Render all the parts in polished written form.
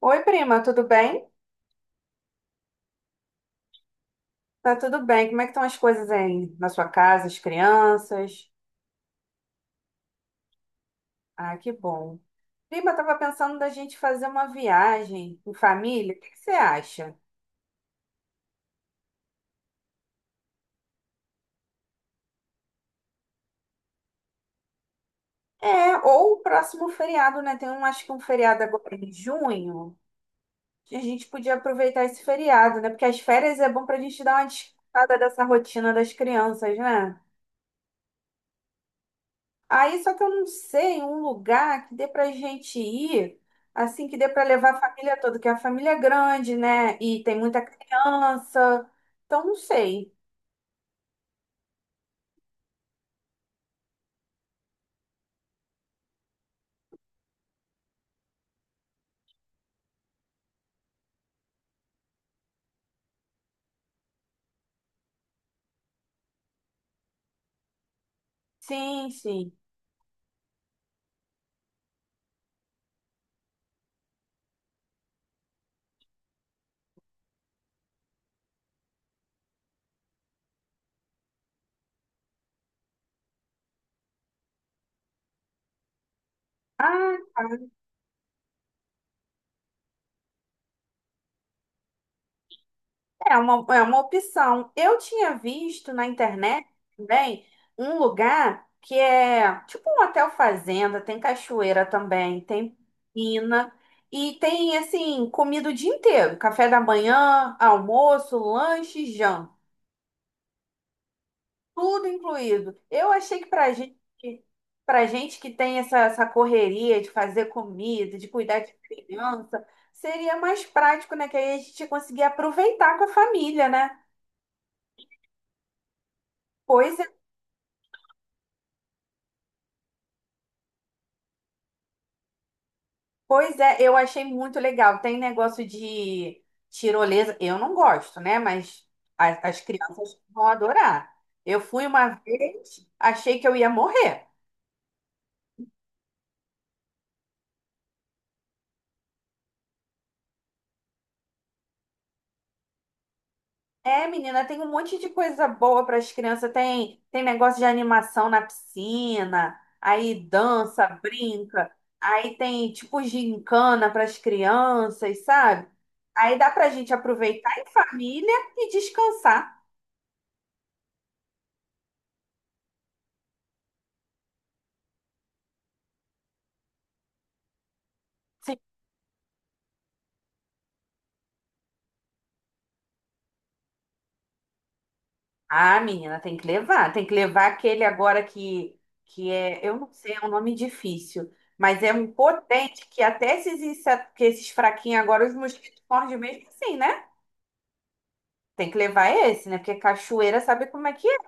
Oi, prima, tudo bem? Tá tudo bem. Como é que estão as coisas aí na sua casa, as crianças? Ah, que bom. Prima, eu tava pensando da gente fazer uma viagem em família. O que que você acha? É, ou o próximo feriado, né? Tem um, acho que um feriado agora em junho, que a gente podia aproveitar esse feriado, né? Porque as férias é bom pra gente dar uma descansada dessa rotina das crianças, né? Aí só que eu não sei um lugar que dê pra gente ir, assim, que dê pra levar a família toda, que a família é grande, né? E tem muita criança. Então não sei. Sim, sim. Ah, tá. É uma, é uma opção. Eu tinha visto na internet também um lugar que é tipo um hotel fazenda, tem cachoeira também, tem piscina e tem assim, comida o dia inteiro, café da manhã, almoço, lanche, e janta. Tudo incluído. Eu achei que pra gente que tem essa, essa correria de fazer comida, de cuidar de criança, seria mais prático, né? Que aí a gente ia conseguir aproveitar com a família, né? Pois é, pois é, eu achei muito legal. Tem negócio de tirolesa. Eu não gosto, né? Mas as crianças vão adorar. Eu fui uma vez, achei que eu ia morrer. É, menina, tem um monte de coisa boa para as crianças. Tem, tem negócio de animação na piscina, aí dança, brinca, aí tem tipo gincana para as crianças, sabe? Aí dá para a gente aproveitar em família e descansar. Sim. Ah, menina, tem que levar. Tem que levar aquele agora que é, eu não sei, é um nome difícil, mas é um potente que até esses, insetos, que esses fraquinhos agora os mosquitos mordem mesmo assim, né? Tem que levar esse, né? Porque cachoeira sabe como é que é.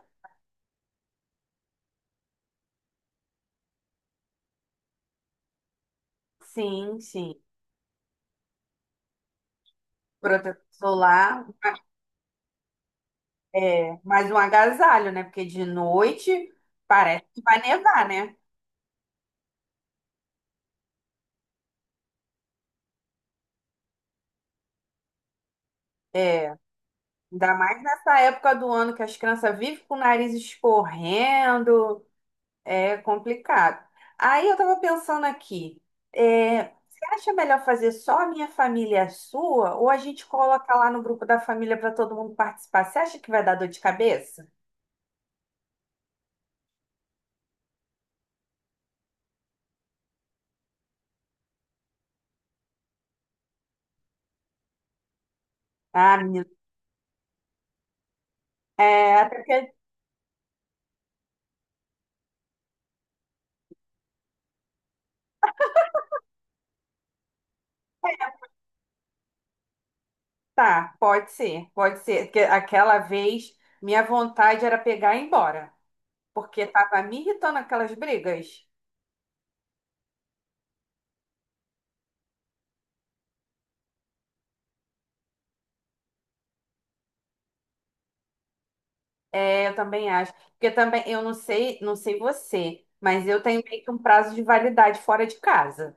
Sim, sim. Protetor solar, né? Mais um agasalho, né? Porque de noite parece que vai nevar, né? É, ainda mais nessa época do ano que as crianças vivem com o nariz escorrendo, é complicado. Aí eu tava pensando aqui, você acha melhor fazer só a minha família e a sua, ou a gente coloca lá no grupo da família para todo mundo participar? Você acha que vai dar dor de cabeça? Ah, menina. É, até porque tá, pode ser, pode ser. Porque aquela vez minha vontade era pegar e ir embora, porque tava me irritando aquelas brigas. É, eu também acho. Porque também, eu não sei, não sei você, mas eu tenho meio que um prazo de validade fora de casa.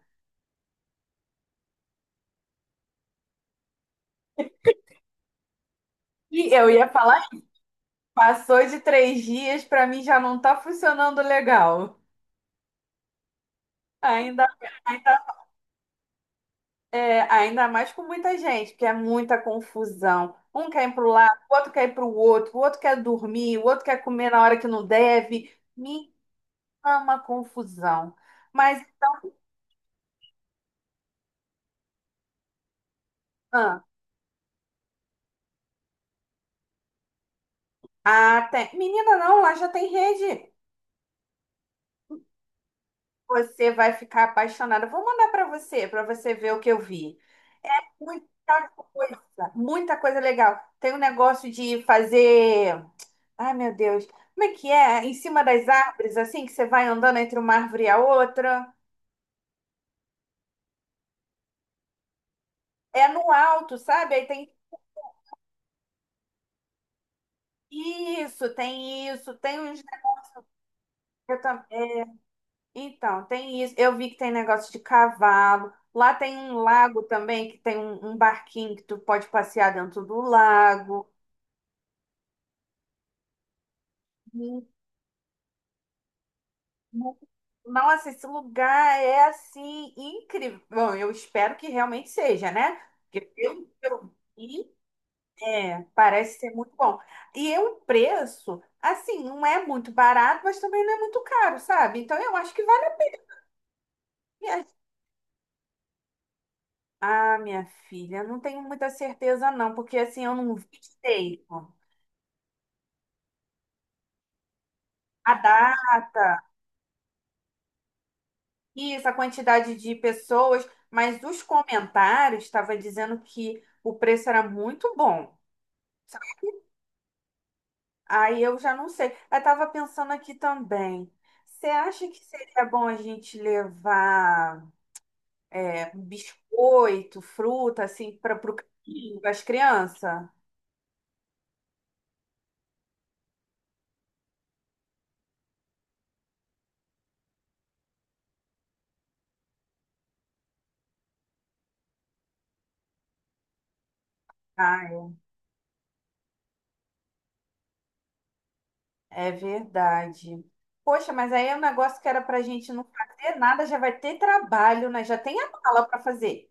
E eu ia falar, passou de três dias, pra mim já não tá funcionando legal. Ainda, ainda, É, ainda mais com muita gente, porque é muita confusão. Um quer ir para o lado, o outro quer ir para o outro quer dormir, o outro quer comer na hora que não deve. Me ama confusão. Mas, ah, tem- menina, não, lá já tem rede. Você vai ficar apaixonada. Vou mandar para você ver o que eu vi. É muita coisa, muita coisa legal. Tem um negócio de fazer. Ai, meu Deus, como é que é? Em cima das árvores, assim, que você vai andando entre uma árvore e a outra. É no alto, sabe? Aí tem isso, tem isso, tem uns. eu tam- é, Então, tem isso. Eu vi que tem negócio de cavalo. Lá tem um lago também, que tem um, um barquinho que tu pode passear dentro do lago. Hum, hum. Nossa, esse lugar é assim incrível. Bom, eu espero que realmente seja, né? Porque pelo que eu vi, é, parece ser muito bom. E o preço, assim, não é muito barato, mas também não é muito caro, sabe? Então eu acho que vale a pena. Ah, minha filha, não tenho muita certeza não, porque assim, eu não vi direito a data, isso, a quantidade de pessoas, mas os comentários estavam dizendo que o preço era muito bom, sabe? Aí eu já não sei. Eu estava pensando aqui também. Você acha que seria bom a gente levar um biscoito, fruta, assim, para o caminho, para as crianças? É verdade. Poxa, mas aí é um negócio que era pra gente não fazer nada, já vai ter trabalho, né? Já tem a mala para fazer.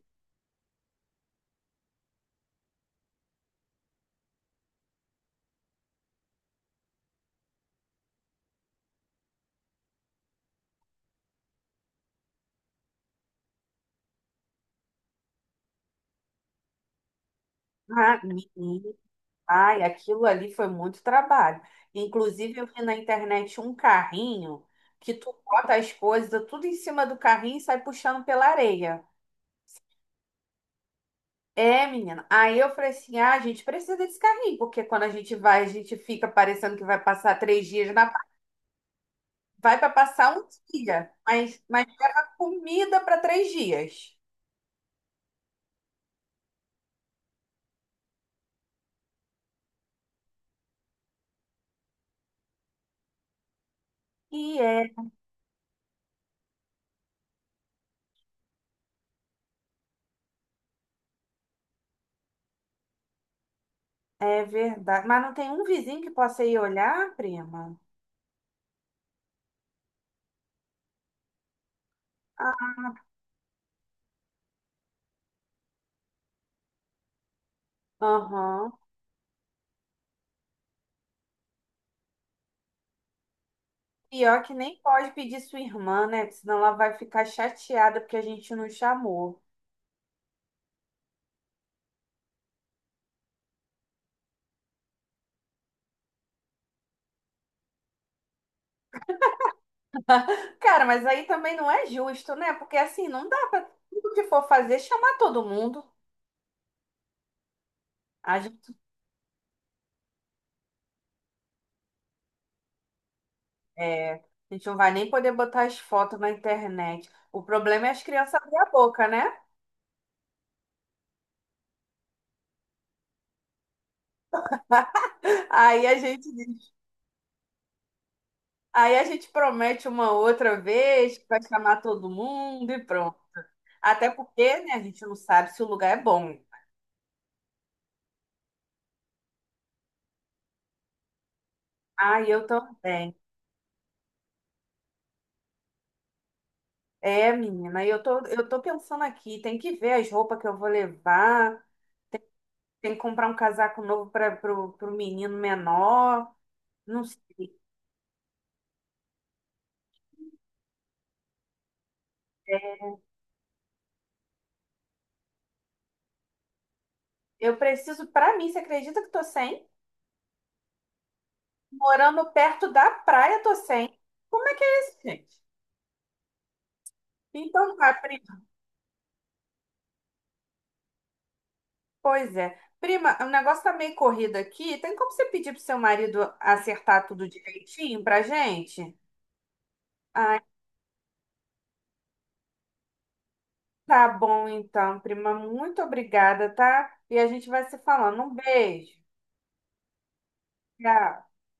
Ah, menino, ai, aquilo ali foi muito trabalho. Inclusive, eu vi na internet um carrinho que tu bota as coisas tudo em cima do carrinho e sai puxando pela areia. É, menina. Aí eu falei assim: ah, a gente precisa desse carrinho, porque quando a gente vai, a gente fica parecendo que vai passar três dias na. Vai para passar um dia, mas comida para três dias. E é, é verdade. Mas não tem um vizinho que possa ir olhar, prima? Ah, aham. Pior que nem pode pedir sua irmã, né? Porque senão ela vai ficar chateada porque a gente não chamou. Cara, mas aí também não é justo, né? Porque assim, não dá pra tudo que for fazer chamar todo mundo. A gente, é, a gente não vai nem poder botar as fotos na internet. O problema é as crianças abrir a boca, né? Aí a gente. Aí a gente promete uma outra vez que vai chamar todo mundo e pronto. Até porque, né, a gente não sabe se o lugar é bom. Ah, eu também. É, menina, eu tô pensando aqui, tem que ver as roupas que eu vou levar, tem que comprar um casaco novo pro menino menor, não sei. Eu preciso, pra mim, você acredita que eu tô sem? Morando perto da praia, tô sem. Como é que é isso, gente? Então, tá, pois é. Prima, o negócio tá meio corrido aqui. Tem como você pedir pro seu marido acertar tudo direitinho pra gente? Ai, tá bom então, prima. Muito obrigada, tá? E a gente vai se falando. Um beijo. Tchau.